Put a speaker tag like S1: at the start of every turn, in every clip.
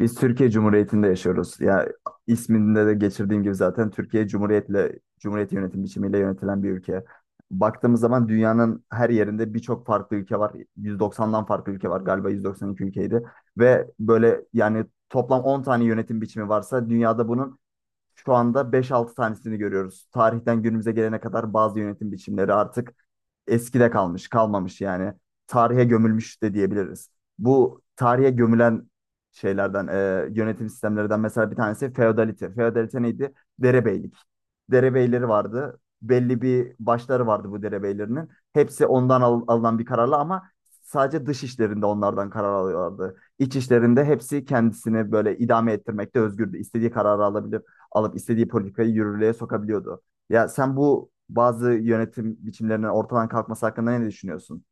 S1: Biz Türkiye Cumhuriyeti'nde yaşıyoruz. Ya isminde de geçirdiğim gibi zaten Türkiye Cumhuriyet'le Cumhuriyet yönetim biçimiyle yönetilen bir ülke. Baktığımız zaman dünyanın her yerinde birçok farklı ülke var. 190'dan farklı ülke var. Galiba 192 ülkeydi. Ve böyle yani toplam 10 tane yönetim biçimi varsa dünyada bunun şu anda 5-6 tanesini görüyoruz. Tarihten günümüze gelene kadar bazı yönetim biçimleri artık eskide kalmış, kalmamış yani. Tarihe gömülmüş de diyebiliriz. Bu tarihe gömülen şeylerden, yönetim sistemlerinden mesela bir tanesi feodalite. Feodalite neydi? Derebeylik. Derebeyleri vardı. Belli bir başları vardı bu derebeylerinin. Hepsi ondan alınan bir kararla ama sadece dış işlerinde onlardan karar alıyorlardı. İç işlerinde hepsi kendisini böyle idame ettirmekte özgürdü. İstediği kararı alabilirdi alıp istediği politikayı yürürlüğe sokabiliyordu. Ya sen bu bazı yönetim biçimlerinin ortadan kalkması hakkında ne düşünüyorsun?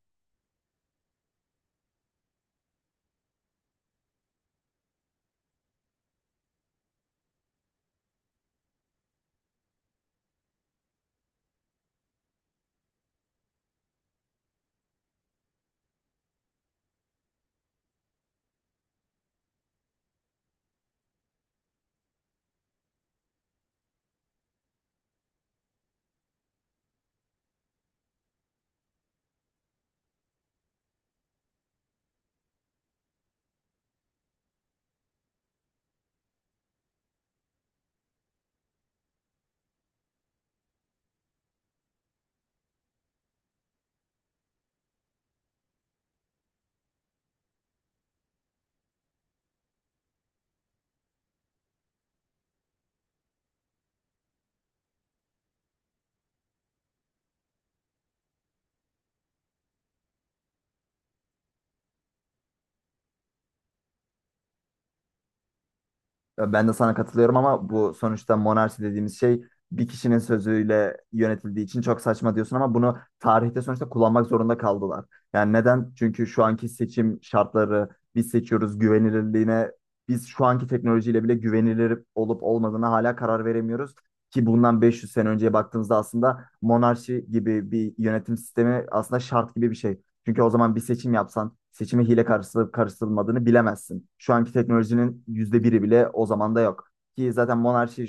S1: Ya ben de sana katılıyorum ama bu sonuçta monarşi dediğimiz şey bir kişinin sözüyle yönetildiği için çok saçma diyorsun ama bunu tarihte sonuçta kullanmak zorunda kaldılar. Yani neden? Çünkü şu anki seçim şartları biz seçiyoruz güvenilirliğine, biz şu anki teknolojiyle bile güvenilir olup olmadığına hala karar veremiyoruz. Ki bundan 500 sene önceye baktığımızda aslında monarşi gibi bir yönetim sistemi aslında şart gibi bir şey. Çünkü o zaman bir seçim yapsan seçime hile karıştırılıp karıştırılmadığını bilemezsin. Şu anki teknolojinin yüzde biri bile o zaman da yok. Ki zaten monarşi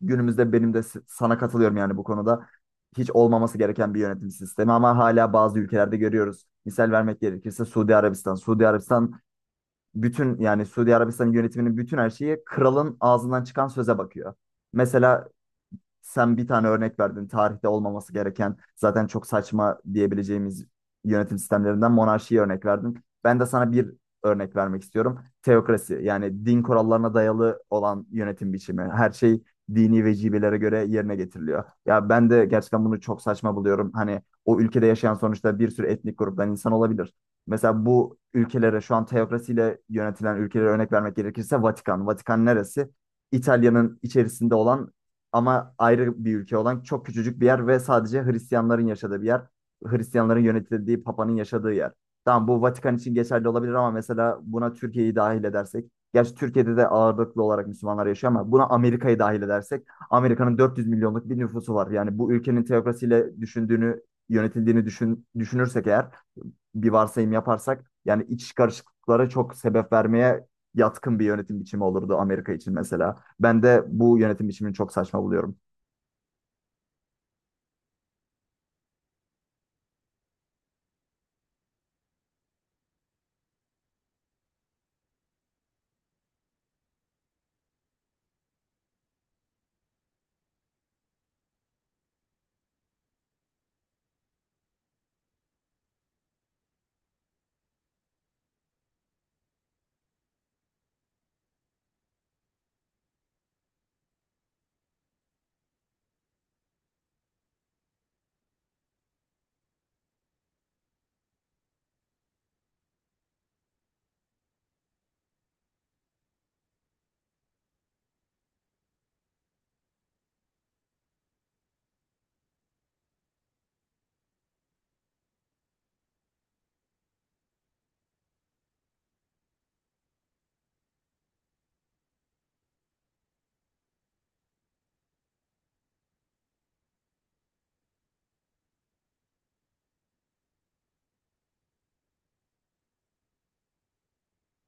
S1: günümüzde benim de sana katılıyorum yani bu konuda. Hiç olmaması gereken bir yönetim sistemi ama hala bazı ülkelerde görüyoruz. Misal vermek gerekirse Suudi Arabistan. Suudi Arabistan bütün yani Suudi Arabistan yönetiminin bütün her şeyi kralın ağzından çıkan söze bakıyor. Mesela sen bir tane örnek verdin. Tarihte olmaması gereken zaten çok saçma diyebileceğimiz yönetim sistemlerinden monarşiyi örnek verdin. Ben de sana bir örnek vermek istiyorum. Teokrasi yani din kurallarına dayalı olan yönetim biçimi. Her şey dini vecibelere göre yerine getiriliyor. Ya ben de gerçekten bunu çok saçma buluyorum. Hani o ülkede yaşayan sonuçta bir sürü etnik gruptan insan olabilir. Mesela bu ülkelere şu an teokrasiyle yönetilen ülkelere örnek vermek gerekirse Vatikan. Vatikan neresi? İtalya'nın içerisinde olan ama ayrı bir ülke olan çok küçücük bir yer ve sadece Hristiyanların yaşadığı bir yer. Hristiyanların yönetildiği, Papa'nın yaşadığı yer. Tamam, bu Vatikan için geçerli olabilir ama mesela buna Türkiye'yi dahil edersek. Gerçi Türkiye'de de ağırlıklı olarak Müslümanlar yaşıyor ama buna Amerika'yı dahil edersek, Amerika'nın 400 milyonluk bir nüfusu var. Yani bu ülkenin teokrasiyle düşündüğünü, düşünürsek eğer, bir varsayım yaparsak, yani iç karışıklıklara çok sebep vermeye yatkın bir yönetim biçimi olurdu Amerika için mesela. Ben de bu yönetim biçimini çok saçma buluyorum.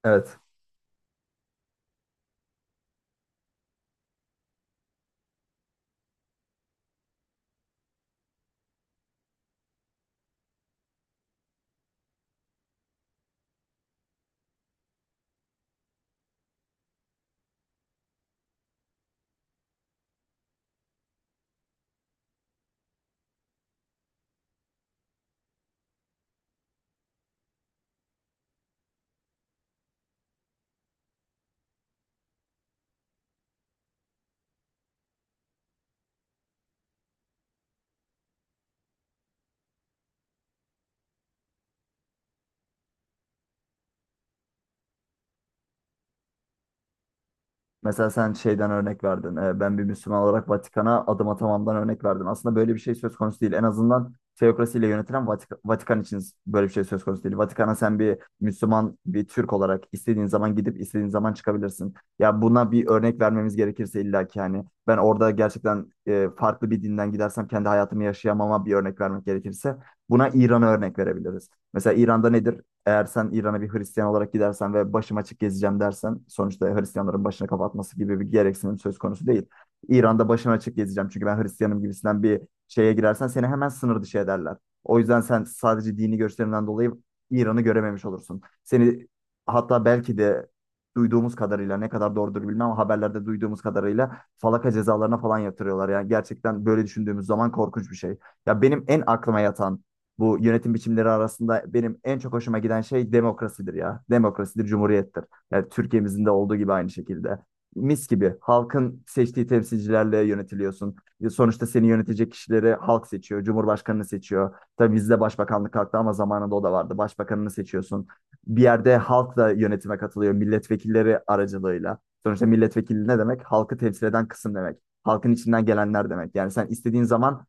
S1: Evet. Mesela sen şeyden örnek verdin. Ben bir Müslüman olarak Vatikan'a adım atamamdan örnek verdin. Aslında böyle bir şey söz konusu değil. En azından teokrasiyle yönetilen Vatikan için böyle bir şey söz konusu değil. Vatikan'a sen bir Müslüman, bir Türk olarak istediğin zaman gidip istediğin zaman çıkabilirsin. Ya buna bir örnek vermemiz gerekirse illa ki hani ben orada gerçekten farklı bir dinden gidersem kendi hayatımı yaşayamama bir örnek vermek gerekirse, buna İran'a örnek verebiliriz. Mesela İran'da nedir? Eğer sen İran'a bir Hristiyan olarak gidersen ve başım açık gezeceğim dersen, sonuçta Hristiyanların başını kapatması gibi bir gereksinim söz konusu değil. İran'da başım açık gezeceğim çünkü ben Hristiyanım gibisinden bir şeye girersen seni hemen sınır dışı ederler. O yüzden sen sadece dini görüşlerinden dolayı İran'ı görememiş olursun. Seni, hatta belki de duyduğumuz kadarıyla ne kadar doğrudur bilmem ama haberlerde duyduğumuz kadarıyla falaka cezalarına falan yatırıyorlar. Yani gerçekten böyle düşündüğümüz zaman korkunç bir şey. Ya benim en aklıma yatan, bu yönetim biçimleri arasında benim en çok hoşuma giden şey demokrasidir ya. Demokrasidir, cumhuriyettir. Yani Türkiye'mizin de olduğu gibi aynı şekilde. Mis gibi halkın seçtiği temsilcilerle yönetiliyorsun. Sonuçta seni yönetecek kişileri halk seçiyor, cumhurbaşkanını seçiyor. Tabii bizde başbakanlık kalktı ama zamanında o da vardı. Başbakanını seçiyorsun. Bir yerde halk da yönetime katılıyor milletvekilleri aracılığıyla. Sonuçta milletvekili ne demek? Halkı temsil eden kısım demek. Halkın içinden gelenler demek. Yani sen istediğin zaman,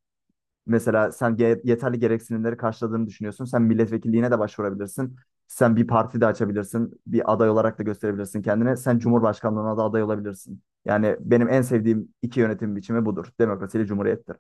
S1: mesela sen yeterli gereksinimleri karşıladığını düşünüyorsun. Sen milletvekilliğine de başvurabilirsin. Sen bir parti de açabilirsin. Bir aday olarak da gösterebilirsin kendine. Sen Cumhurbaşkanlığına da aday olabilirsin. Yani benim en sevdiğim iki yönetim biçimi budur. Demokrasiyle cumhuriyettir.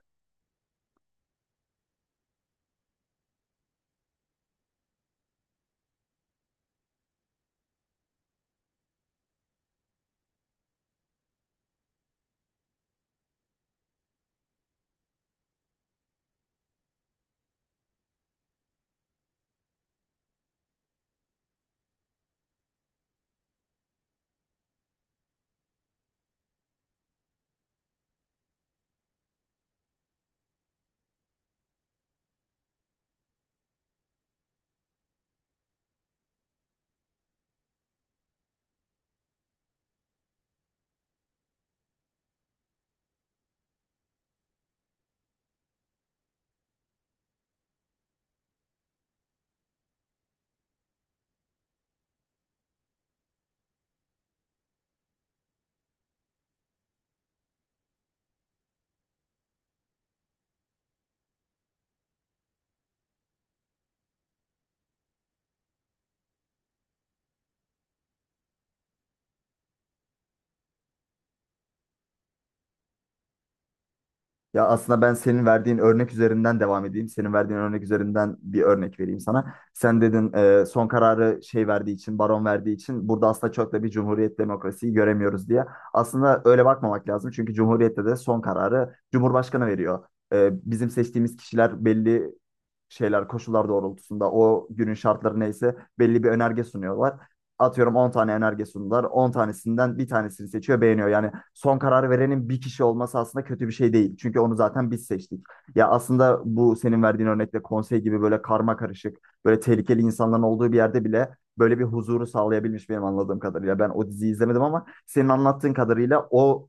S1: Ya aslında ben senin verdiğin örnek üzerinden devam edeyim. Senin verdiğin örnek üzerinden bir örnek vereyim sana. Sen dedin son kararı şey verdiği için, baron verdiği için, burada aslında çok da bir cumhuriyet demokrasiyi göremiyoruz diye. Aslında öyle bakmamak lazım. Çünkü cumhuriyette de son kararı Cumhurbaşkanı veriyor. Bizim seçtiğimiz kişiler belli şeyler, koşullar doğrultusunda o günün şartları neyse belli bir önerge sunuyorlar, atıyorum 10 tane önerge sundular. 10 tanesinden bir tanesini seçiyor, beğeniyor. Yani son karar verenin bir kişi olması aslında kötü bir şey değil. Çünkü onu zaten biz seçtik. Ya aslında bu senin verdiğin örnekte konsey gibi böyle karma karışık, böyle tehlikeli insanların olduğu bir yerde bile böyle bir huzuru sağlayabilmiş benim anladığım kadarıyla. Ben o diziyi izlemedim ama senin anlattığın kadarıyla o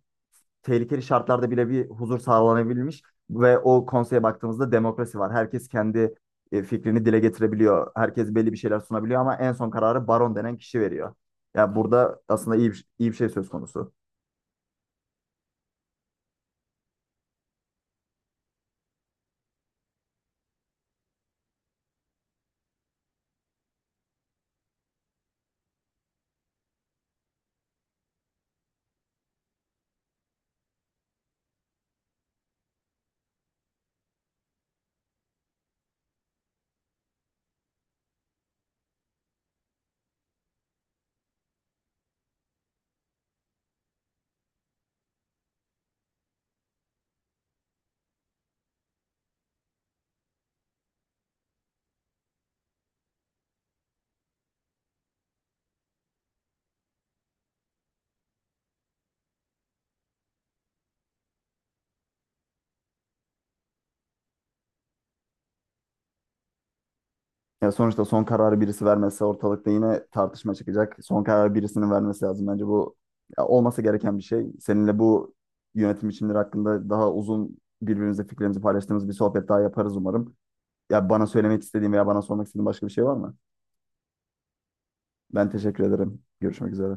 S1: tehlikeli şartlarda bile bir huzur sağlanabilmiş ve o konseye baktığımızda demokrasi var. Herkes kendi fikrini dile getirebiliyor. Herkes belli bir şeyler sunabiliyor ama en son kararı baron denen kişi veriyor. Yani burada aslında iyi bir şey söz konusu. Yani sonuçta son kararı birisi vermezse ortalıkta yine tartışma çıkacak. Son kararı birisinin vermesi lazım. Bence bu ya, olması gereken bir şey. Seninle bu yönetim biçimleri hakkında daha uzun, birbirimizle fikrimizi paylaştığımız bir sohbet daha yaparız umarım. Ya bana söylemek istediğin veya bana sormak istediğin başka bir şey var mı? Ben teşekkür ederim. Görüşmek üzere.